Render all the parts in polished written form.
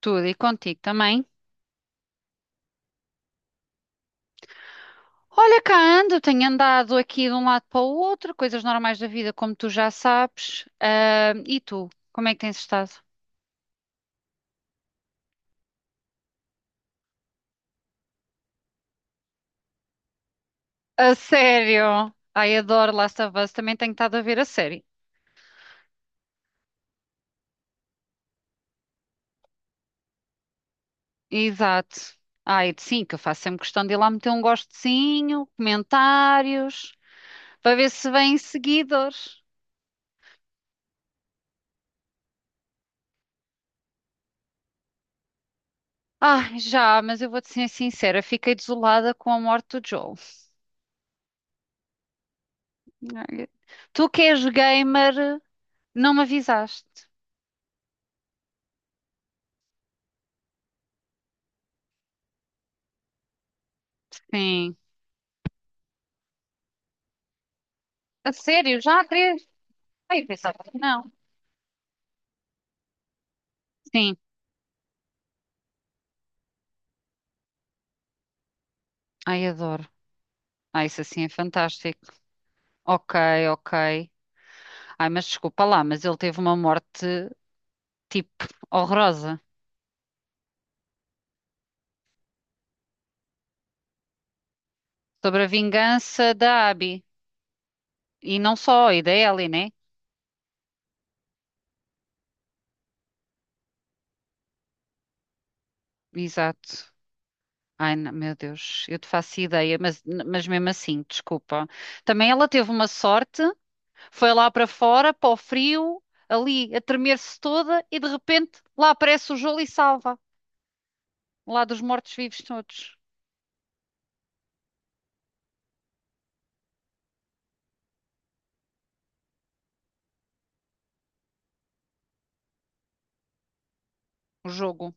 Tudo e contigo também. Olha cá, tenho andado aqui de um lado para o outro, coisas normais da vida, como tu já sabes. E tu, como é que tens estado? A sério? Ai, adoro Last of Us, também tenho estado a ver a série. Exato. Ai, sim, que eu faço sempre questão de ir lá meter um gostezinho, comentários, para ver se vêm seguidores. Ai, já, mas eu vou-te ser sincera, fiquei desolada com a morte do Joel. Ai, tu que és gamer, não me avisaste. Sim. A sério, já há três? Ai, eu pensava que não. Sim, ai, adoro. Ai, isso assim é fantástico. Ok, ok. Ai, mas desculpa lá, mas ele teve uma morte, tipo, horrorosa. Sobre a vingança da Abby. E não só, e da Ellie, né? Exato. Ai, não, meu Deus, eu te faço ideia, mas, mesmo assim, desculpa. Também ela teve uma sorte, foi lá para fora, para o frio, ali, a tremer-se toda, e de repente lá aparece o Joel e salva, lá dos mortos-vivos todos. O jogo.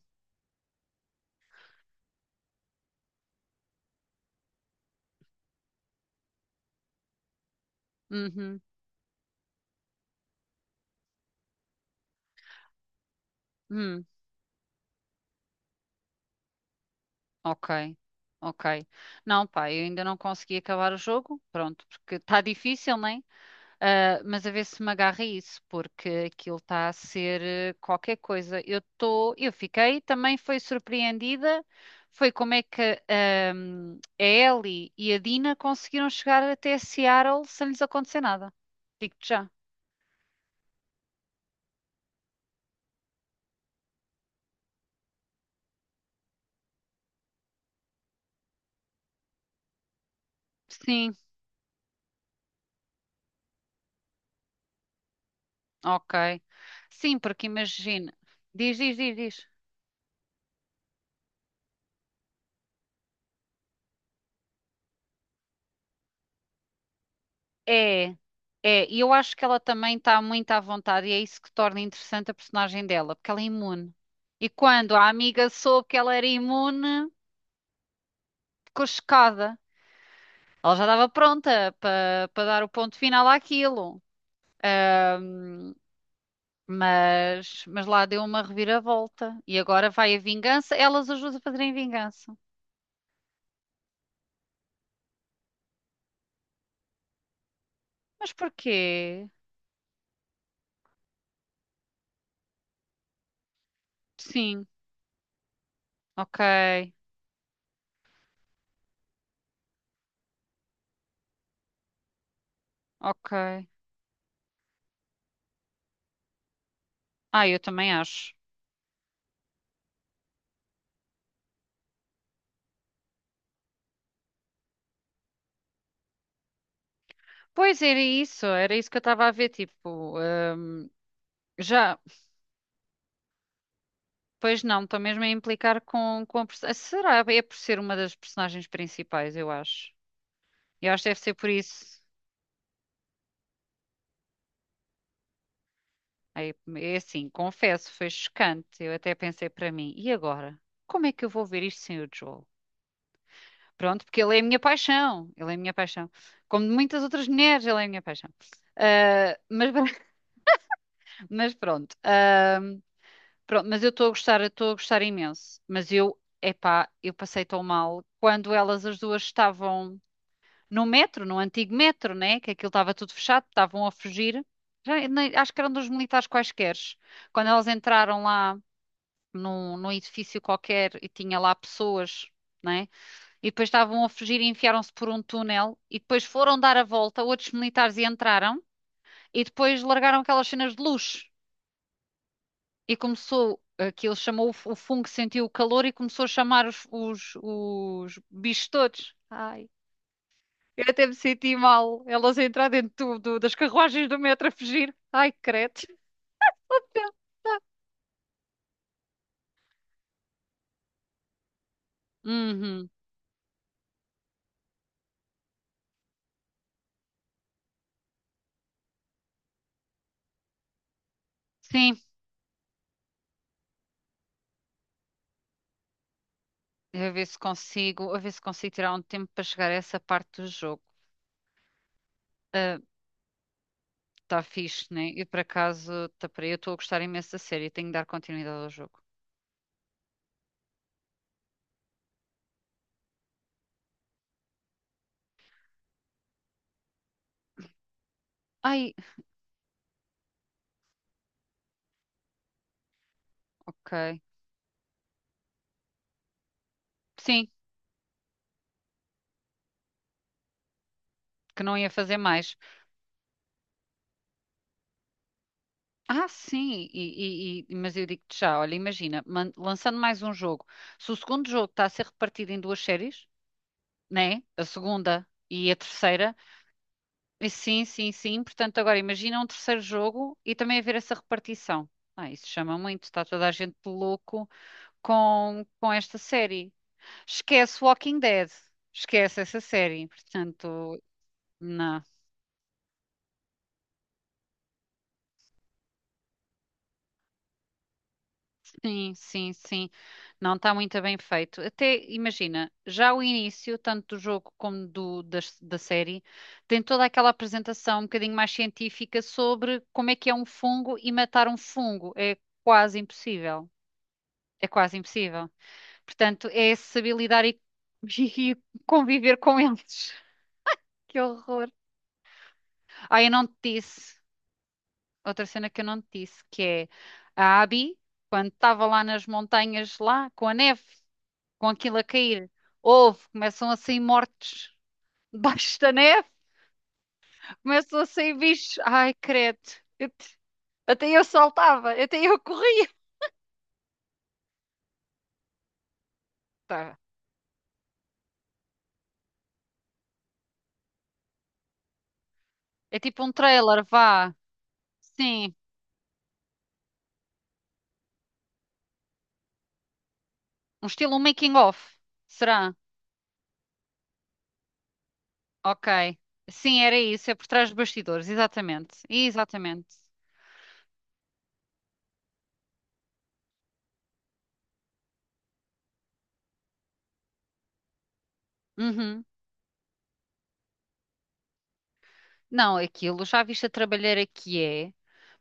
Uhum. Hum. Ok. Ok. Não, pá, eu ainda não consegui acabar o jogo. Pronto, porque está difícil, né? Ah, mas a ver se me agarra isso, porque aquilo está a ser qualquer coisa. Eu estou, eu fiquei, também foi surpreendida. Foi como é que a Ellie e a Dina conseguiram chegar até Seattle sem lhes acontecer nada. Digo-te já. Sim, ok. Sim, porque imagina. Diz. É, é, e eu acho que ela também está muito à vontade e é isso que torna interessante a personagem dela, porque ela é imune. E quando a amiga soube que ela era imune, ficou chocada. Ela já estava pronta para dar o ponto final àquilo, mas, lá deu uma reviravolta e agora vai a vingança. Elas ajudam a fazerem vingança. Mas porquê? Sim, ok, ok. Ah, eu também acho. Pois era isso que eu estava a ver, tipo, já. Pois não, estou mesmo a implicar com, a personagem. Será? É por ser uma das personagens principais, eu acho. Eu acho que deve ser por isso. É, é assim, confesso, foi chocante. Eu até pensei para mim, e agora? Como é que eu vou ver isto sem o Joel? Pronto, porque ele é a minha paixão. Ele é a minha paixão. Como de muitas outras mulheres, ele é a minha paixão. Ah, mas, mas pronto. Ah, pronto, mas eu estou a gostar, eu estou a gostar imenso. Mas eu, epá, eu passei tão mal quando elas as duas estavam. No metro, no antigo metro, né? Que aquilo estava tudo fechado, estavam a fugir. Já, acho que eram dos militares quaisqueres. Quando elas entraram lá num edifício qualquer e tinha lá pessoas, né? E depois estavam a fugir e enfiaram-se por um túnel e depois foram dar a volta, outros militares e entraram e depois largaram aquelas cenas de luz e começou. Aquilo chamou o o fungo, sentiu o calor e começou a chamar os, bichos todos. Ai. Eu até me senti mal. Elas a entrar dentro do, das carruagens do metro a fugir. Ai, credo. Uhum. Sim, a ver se consigo, a ver se consigo tirar um tempo para chegar a essa parte do jogo. Está fixe, né? E por acaso, tá para aí, eu estou a gostar imenso da série, tenho de dar continuidade ao jogo. Ai, ok. Sim, que não ia fazer mais. Ah, sim, e- mas eu digo-te já, olha, imagina, lançando mais um jogo. Se o segundo jogo está a ser repartido em duas séries, né? A segunda e a terceira. E sim, sim, sim. Portanto, agora imagina um terceiro jogo e também haver essa repartição. Ah, isso chama muito, está toda a gente louco com, esta série. Esquece Walking Dead, esquece essa série. Portanto, não, sim, sim, sim. Não está muito bem feito. Até imagina, já o início, tanto do jogo como do, da série, tem toda aquela apresentação um bocadinho mais científica sobre como é que é um fungo e matar um fungo. É quase impossível. É quase impossível. Portanto, é saber lidar e, e conviver com eles. Que horror. Ah, eu não te disse. Outra cena que eu não te disse, que é a Abby, quando estava lá nas montanhas, lá, com a neve, com aquilo a cair, houve, começam a sair mortos debaixo da neve, começam a sair bichos. Ai, credo. Eu te- até eu saltava, até eu corria. Tá. É tipo um trailer, vá. Sim. Um estilo making of. Será? Ok. Sim, era isso, é por trás dos bastidores, exatamente. Exatamente. Uhum. Não, aquilo, já viste a trabalheira que é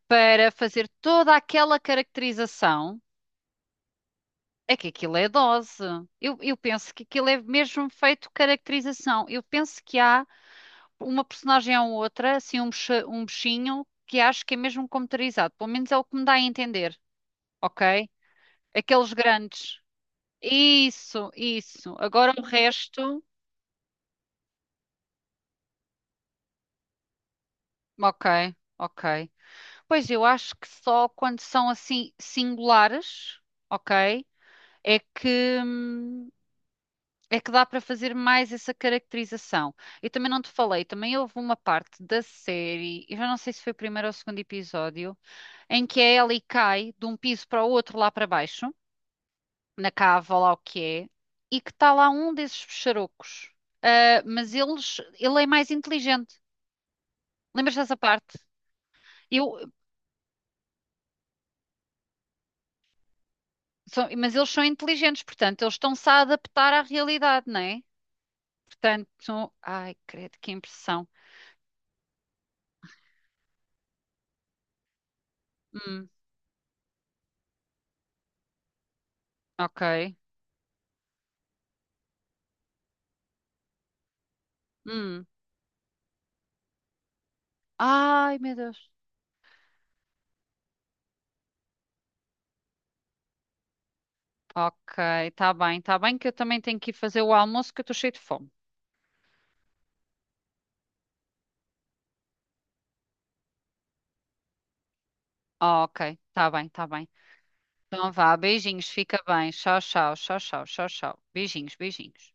para fazer toda aquela caracterização. É que aquilo é dose. Eu, penso que aquilo é mesmo feito caracterização. Eu penso que há uma personagem ou outra, assim, um, um bichinho, que acho que é mesmo computarizado. Pelo menos é o que me dá a entender, ok? Aqueles grandes. Isso, isso. Agora o resto. Ok, ok. Pois eu acho que só quando são assim singulares, ok? É que, hum, é que dá para fazer mais essa caracterização. Eu também não te falei, também houve uma parte da série, eu já não sei se foi o primeiro ou o segundo episódio, em que a Ellie cai de um piso para o outro lá para baixo, na cava, ou lá o que é, e que está lá um desses pecharocos. Ah, mas eles, ele é mais inteligente. Lembras dessa parte? Eu, mas eles são inteligentes, portanto, eles estão-se a adaptar à realidade, não é? Portanto, ai, credo, que impressão. Hum, ok. Hum. Ai, meu Deus. Ok, tá bem que eu também tenho que ir fazer o almoço que eu estou cheio de fome. Ok, tá bem, tá bem. Então vá, beijinhos, fica bem. Tchau, tchau, tchau, tchau, tchau, tchau. Beijinhos, beijinhos.